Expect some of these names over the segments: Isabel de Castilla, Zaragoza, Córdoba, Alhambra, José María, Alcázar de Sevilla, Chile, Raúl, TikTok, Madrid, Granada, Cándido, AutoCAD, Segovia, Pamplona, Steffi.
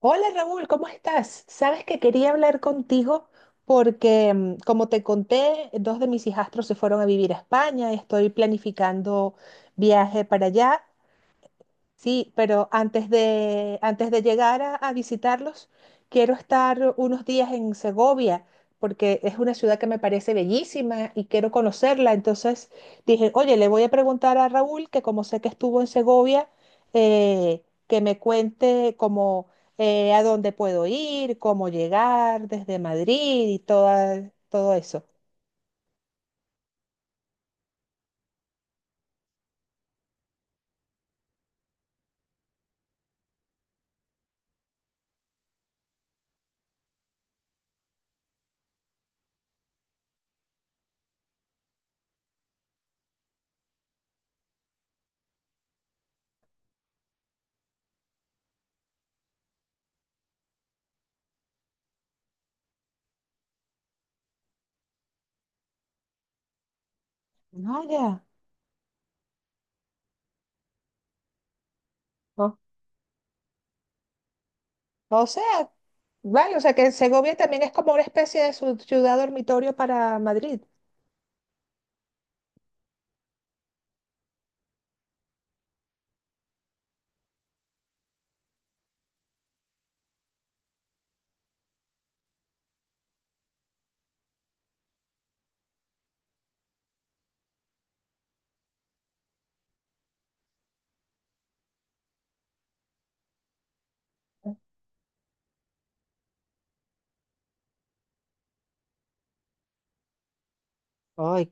Hola Raúl, ¿cómo estás? Sabes que quería hablar contigo porque, como te conté, dos de mis hijastros se fueron a vivir a España y estoy planificando viaje para allá. Sí, pero antes de llegar a visitarlos, quiero estar unos días en Segovia, porque es una ciudad que me parece bellísima y quiero conocerla. Entonces dije, oye, le voy a preguntar a Raúl, que como sé que estuvo en Segovia, que me cuente como a dónde puedo ir, cómo llegar desde Madrid y todo eso. No, ya. No. O sea, vale, o sea que Segovia también es como una especie de ciudad dormitorio para Madrid. Ay,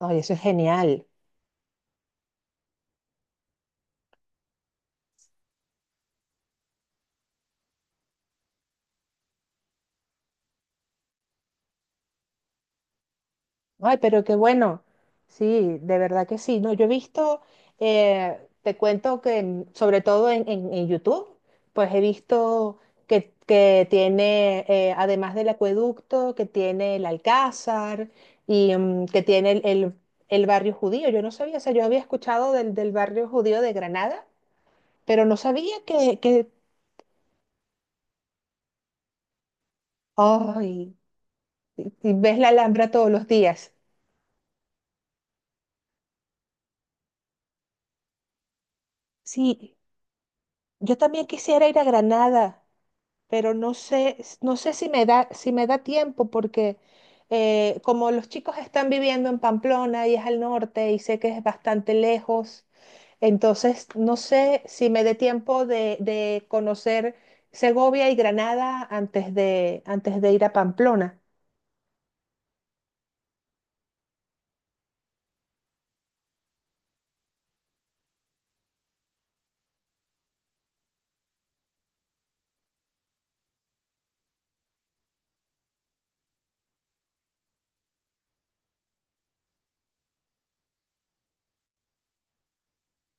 ay, eso es genial. Ay, pero qué bueno. Sí, de verdad que sí. No, yo he visto, te cuento que sobre todo en, en YouTube, pues he visto que tiene, además del acueducto, que tiene el Alcázar y que tiene el barrio judío. Yo no sabía, o sea, yo había escuchado del barrio judío de Granada, pero no sabía ¡ay! Y y ves la Alhambra todos los días. Sí, yo también quisiera ir a Granada, pero no sé, no sé si me da, si me da tiempo porque, como los chicos están viviendo en Pamplona y es al norte y sé que es bastante lejos, entonces no sé si me dé tiempo de conocer Segovia y Granada antes de ir a Pamplona.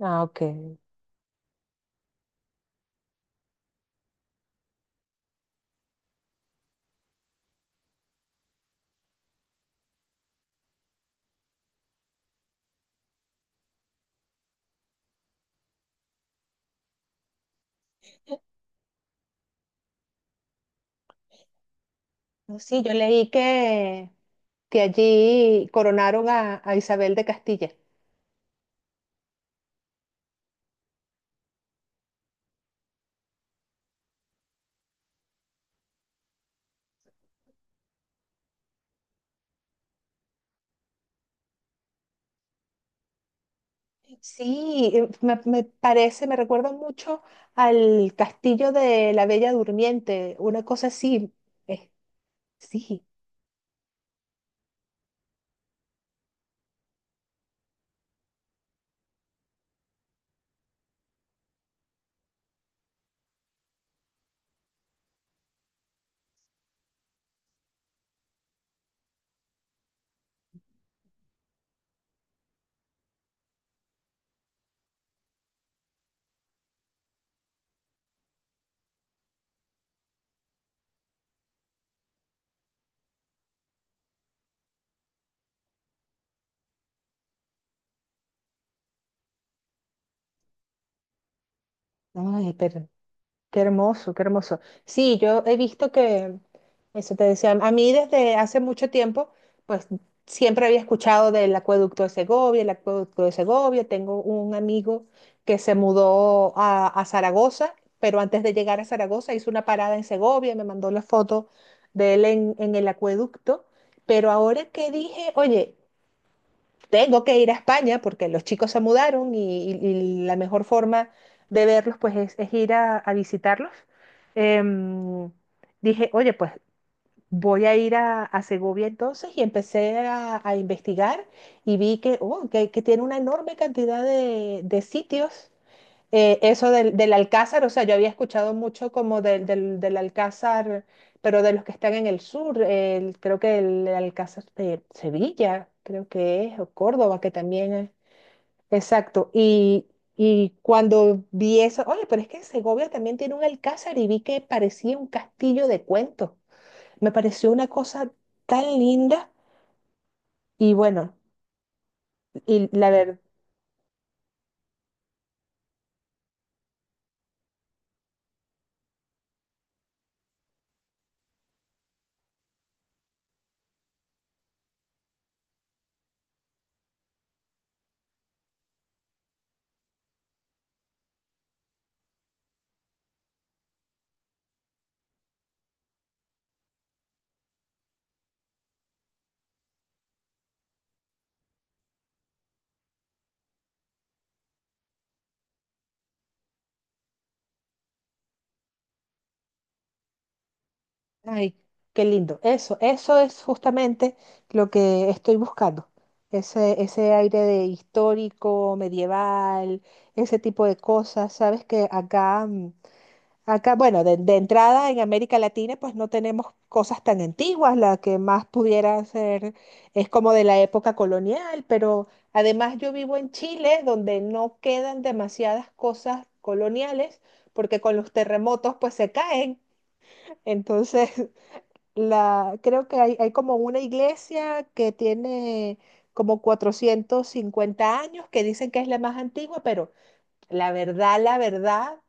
Ah, ok. No, sí, yo leí que allí coronaron a Isabel de Castilla. Sí, me parece, me recuerda mucho al castillo de la Bella Durmiente, una cosa así. Eh, sí, no, qué hermoso, qué hermoso. Sí, yo he visto que, eso te decía, a mí desde hace mucho tiempo, pues siempre había escuchado del acueducto de Segovia, el acueducto de Segovia. Tengo un amigo que se mudó a Zaragoza, pero antes de llegar a Zaragoza hizo una parada en Segovia, me mandó la foto de él en el acueducto. Pero ahora que dije, oye, tengo que ir a España porque los chicos se mudaron y la mejor forma de verlos pues es ir a visitarlos. Em, Dije, oye, pues voy a ir a Segovia entonces y empecé a investigar y vi que, oh, que tiene una enorme cantidad de sitios, eso del Alcázar, o sea, yo había escuchado mucho como del Alcázar, pero de los que están en el sur, creo que el Alcázar de Sevilla, creo que es, o Córdoba, que también es. Exacto, y cuando vi eso, oye, pero es que Segovia también tiene un Alcázar y vi que parecía un castillo de cuentos. Me pareció una cosa tan linda y bueno, y la verdad, ay, qué lindo. Eso es justamente lo que estoy buscando. Ese aire de histórico, medieval, ese tipo de cosas. Sabes que acá, acá, bueno, de entrada en América Latina, pues no tenemos cosas tan antiguas. La que más pudiera ser es como de la época colonial, pero además yo vivo en Chile, donde no quedan demasiadas cosas coloniales, porque con los terremotos pues se caen. Entonces, la, creo que hay como una iglesia que tiene como 450 años, que dicen que es la más antigua, pero la verdad,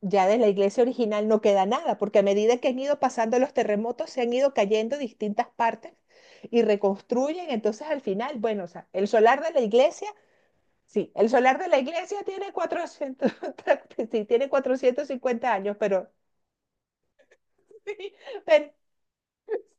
ya de la iglesia original no queda nada, porque a medida que han ido pasando los terremotos, se han ido cayendo distintas partes y reconstruyen. Entonces, al final, bueno, o sea, el solar de la iglesia, sí, el solar de la iglesia tiene cuatrocientos, sí, tiene 450 años, pero, pero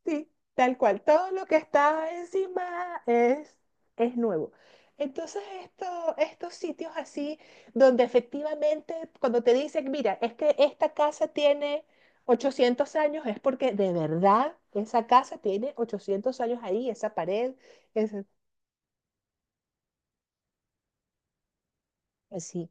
sí, tal cual. Todo lo que está encima es nuevo. Entonces, esto, estos sitios así, donde efectivamente cuando te dicen, mira, es que esta casa tiene 800 años, es porque de verdad esa casa tiene 800 años ahí, esa pared, es así.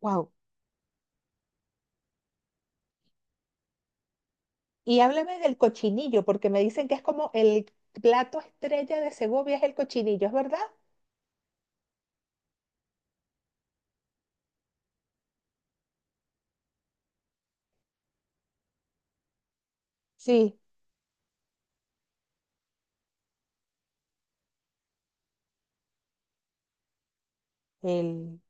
Wow. Y háblame del cochinillo, porque me dicen que es como el plato estrella de Segovia es el cochinillo, ¿es verdad? Sí, el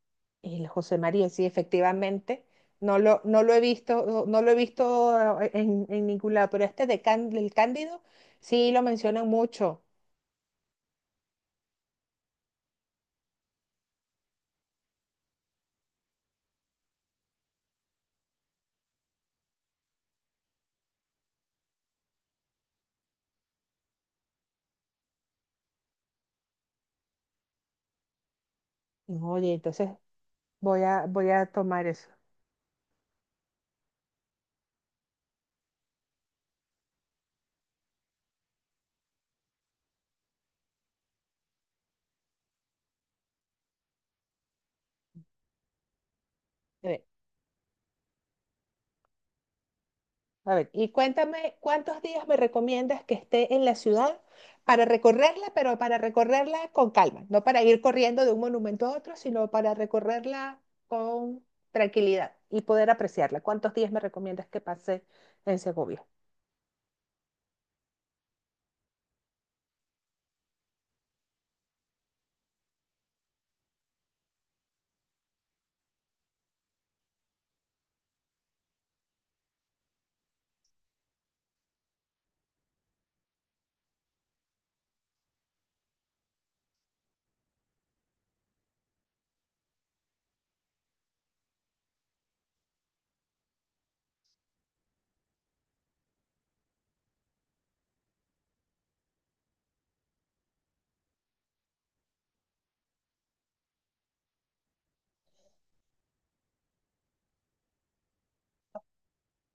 El José María, sí, efectivamente. No lo he visto, no lo he visto, en ningún lado, pero este de del Cándido sí lo mencionan mucho. Oye, entonces voy a tomar eso. A ver, a ver, y cuéntame, ¿cuántos días me recomiendas que esté en la ciudad para recorrerla, pero para recorrerla con calma? No para ir corriendo de un monumento a otro, sino para recorrerla con tranquilidad y poder apreciarla. ¿Cuántos días me recomiendas que pase en Segovia?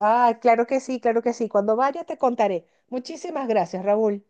Ah, claro que sí, claro que sí. Cuando vaya te contaré. Muchísimas gracias, Raúl.